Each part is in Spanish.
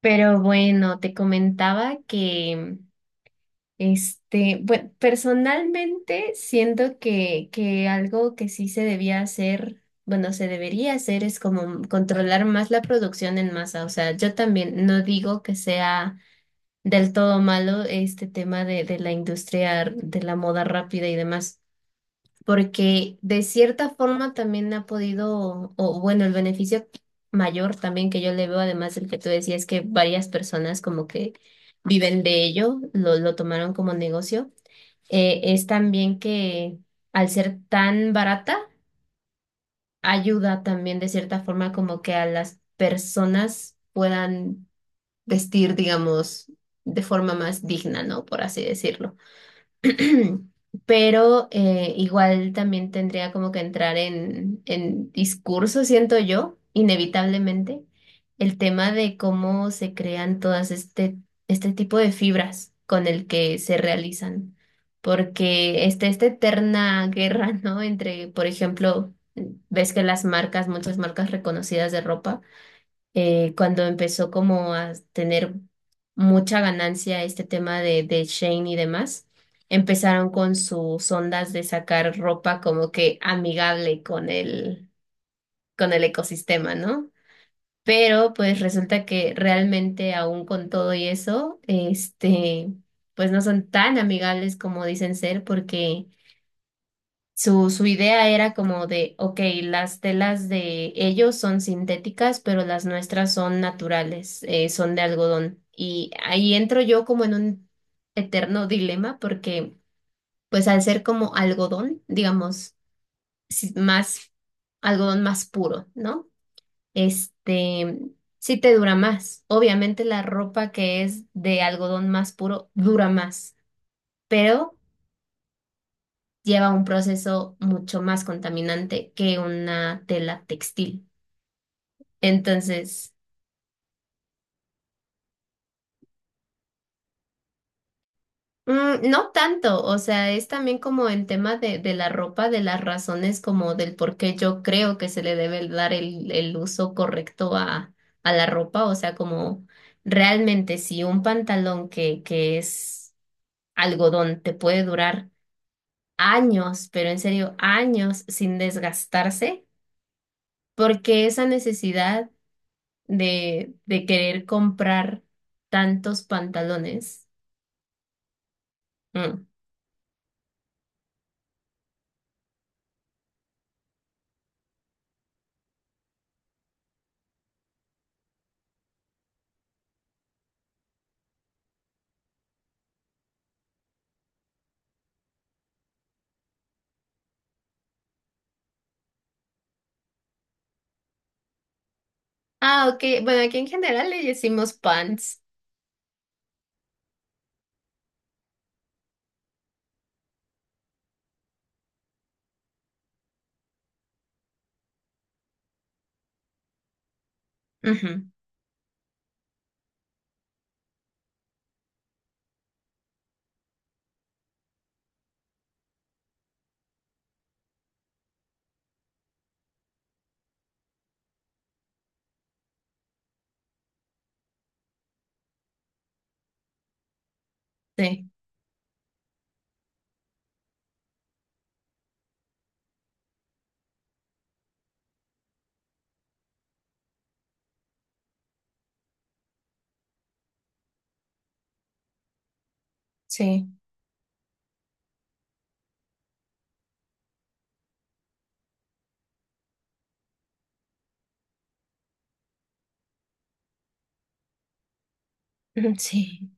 Pero bueno, te comentaba que, bueno, personalmente siento que, algo que sí se debía hacer, bueno, se debería hacer es como controlar más la producción en masa. O sea, yo también no digo que sea del todo malo este tema de, la industria de la moda rápida y demás, porque de cierta forma también ha podido, o bueno, el beneficio mayor también que yo le veo, además del que tú decías, que varias personas como que viven de ello, lo tomaron como negocio. Es también que, al ser tan barata, ayuda también de cierta forma como que a las personas puedan vestir, digamos, de forma más digna, ¿no? Por así decirlo. Pero igual también tendría como que entrar en, discurso, siento yo, inevitablemente, el tema de cómo se crean todas este tipo de fibras con el que se realizan. Porque está esta eterna guerra, ¿no? Entre, por ejemplo, ves que las marcas, muchas marcas reconocidas de ropa, cuando empezó como a tener mucha ganancia este tema de, Shane y demás, empezaron con sus ondas de sacar ropa como que amigable con el ecosistema, ¿no? Pero pues resulta que realmente aún con todo y eso, pues no son tan amigables como dicen ser, porque su idea era como de, ok, las telas de ellos son sintéticas, pero las nuestras son naturales, son de algodón. Y ahí entro yo como en un eterno dilema porque, pues al ser como algodón, digamos, si- más, algodón más puro, ¿no? Este, sí te dura más. Obviamente la ropa que es de algodón más puro dura más, pero lleva un proceso mucho más contaminante que una tela textil. Entonces, no tanto, o sea, es también como en tema de, la ropa, de las razones como del por qué yo creo que se le debe dar el uso correcto a la ropa, o sea, como realmente si un pantalón que, es algodón te puede durar años, pero en serio, años sin desgastarse, porque esa necesidad de, querer comprar tantos pantalones. Mm. Ah, ok. Bueno, aquí en general le decimos pants. Ujú, sí, sí, ujú, sí,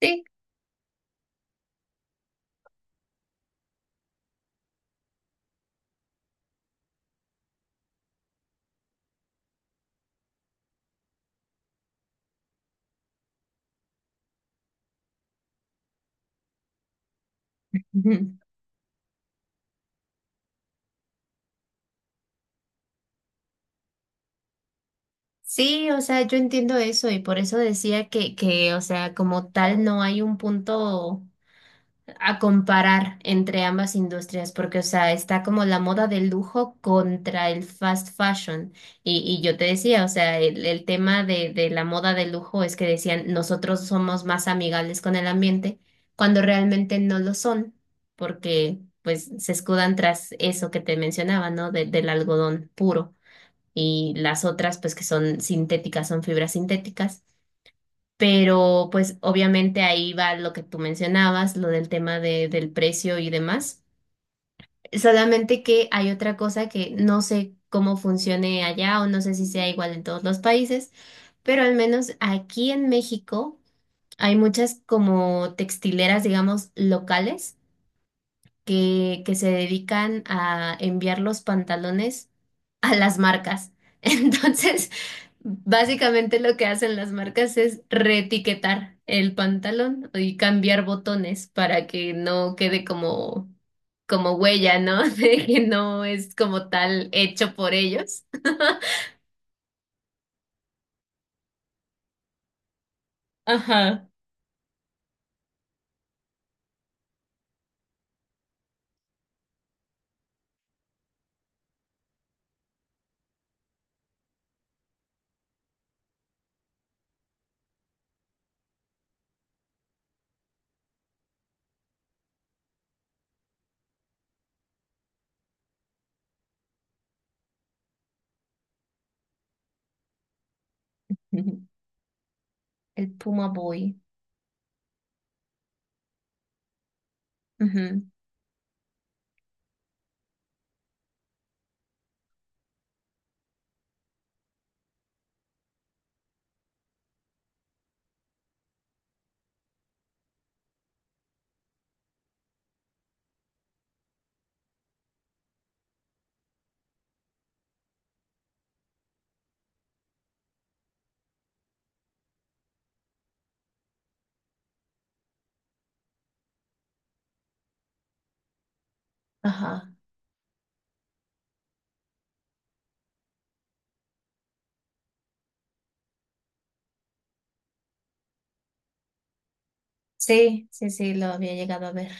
sí, ujú. Sí, o sea, yo entiendo eso y por eso decía que, o sea, como tal no hay un punto a comparar entre ambas industrias, porque, o sea, está como la moda del lujo contra el fast fashion. Y yo te decía, o sea, el tema de, la moda del lujo es que decían, nosotros somos más amigables con el ambiente, cuando realmente no lo son, porque pues se escudan tras eso que te mencionaba, ¿no? De- del algodón puro. Y las otras, pues que son sintéticas, son fibras sintéticas. Pero pues obviamente ahí va lo que tú mencionabas, lo del tema de, del precio y demás. Solamente que hay otra cosa que no sé cómo funcione allá, o no sé si sea igual en todos los países, pero al menos aquí en México hay muchas como textileras, digamos, locales que, se dedican a enviar los pantalones a las marcas. Entonces, básicamente lo que hacen las marcas es reetiquetar el pantalón y cambiar botones para que no quede como, como huella, ¿no? De que no es como tal hecho por ellos. Ajá. Ujú. El Puma Boy. Ujú. Ajá. Sí, sí, sí, lo había llegado a ver.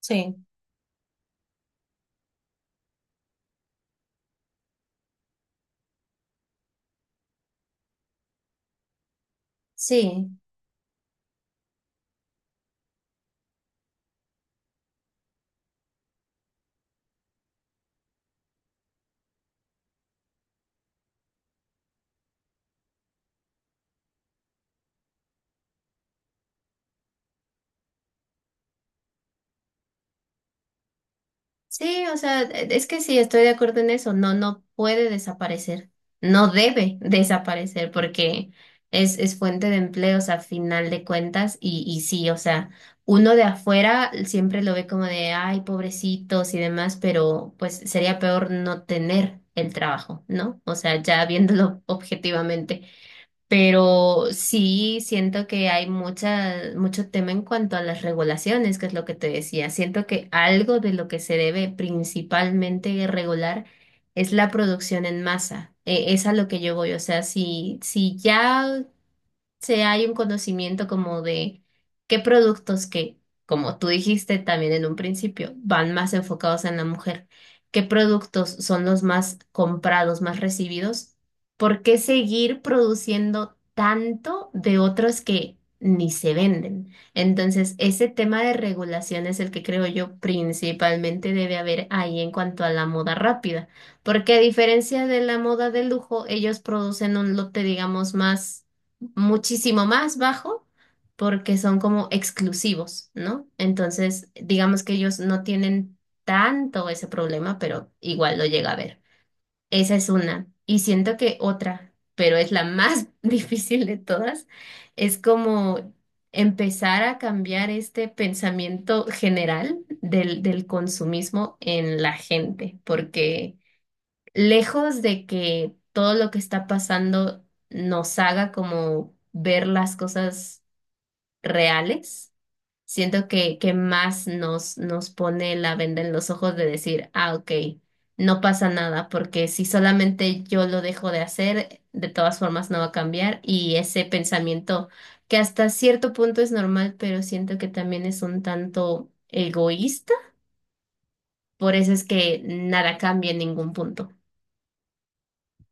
Sí. Sí. Sí, o sea, es que sí, estoy de acuerdo en eso. No, no puede desaparecer. No debe desaparecer porque es fuente de empleos a final de cuentas. Y sí, o sea, uno de afuera siempre lo ve como de, ay, pobrecitos y demás, pero pues sería peor no tener el trabajo, ¿no? O sea, ya viéndolo objetivamente. Pero sí siento que hay mucha, mucho tema en cuanto a las regulaciones, que es lo que te decía. Siento que algo de lo que se debe principalmente regular es la producción en masa. Es a lo que yo voy. O sea, si ya se hay un conocimiento como de qué productos que, como tú dijiste también en un principio, van más enfocados en la mujer, qué productos son los más comprados, más recibidos, ¿por qué seguir produciendo tanto de otros que ni se venden? Entonces, ese tema de regulación es el que creo yo principalmente debe haber ahí en cuanto a la moda rápida, porque a diferencia de la moda de lujo, ellos producen un lote, digamos, más muchísimo más bajo, porque son como exclusivos, ¿no? Entonces, digamos que ellos no tienen tanto ese problema, pero igual lo llega a ver. Esa es una. Y siento que otra, pero es la más difícil de todas, es como empezar a cambiar este pensamiento general del, del consumismo en la gente, porque lejos de que todo lo que está pasando nos haga como ver las cosas reales, siento que, más nos, nos pone la venda en los ojos de decir, ah, ok, no pasa nada, porque si solamente yo lo dejo de hacer, de todas formas no va a cambiar. Y ese pensamiento, que hasta cierto punto es normal, pero siento que también es un tanto egoísta, por eso es que nada cambia en ningún punto.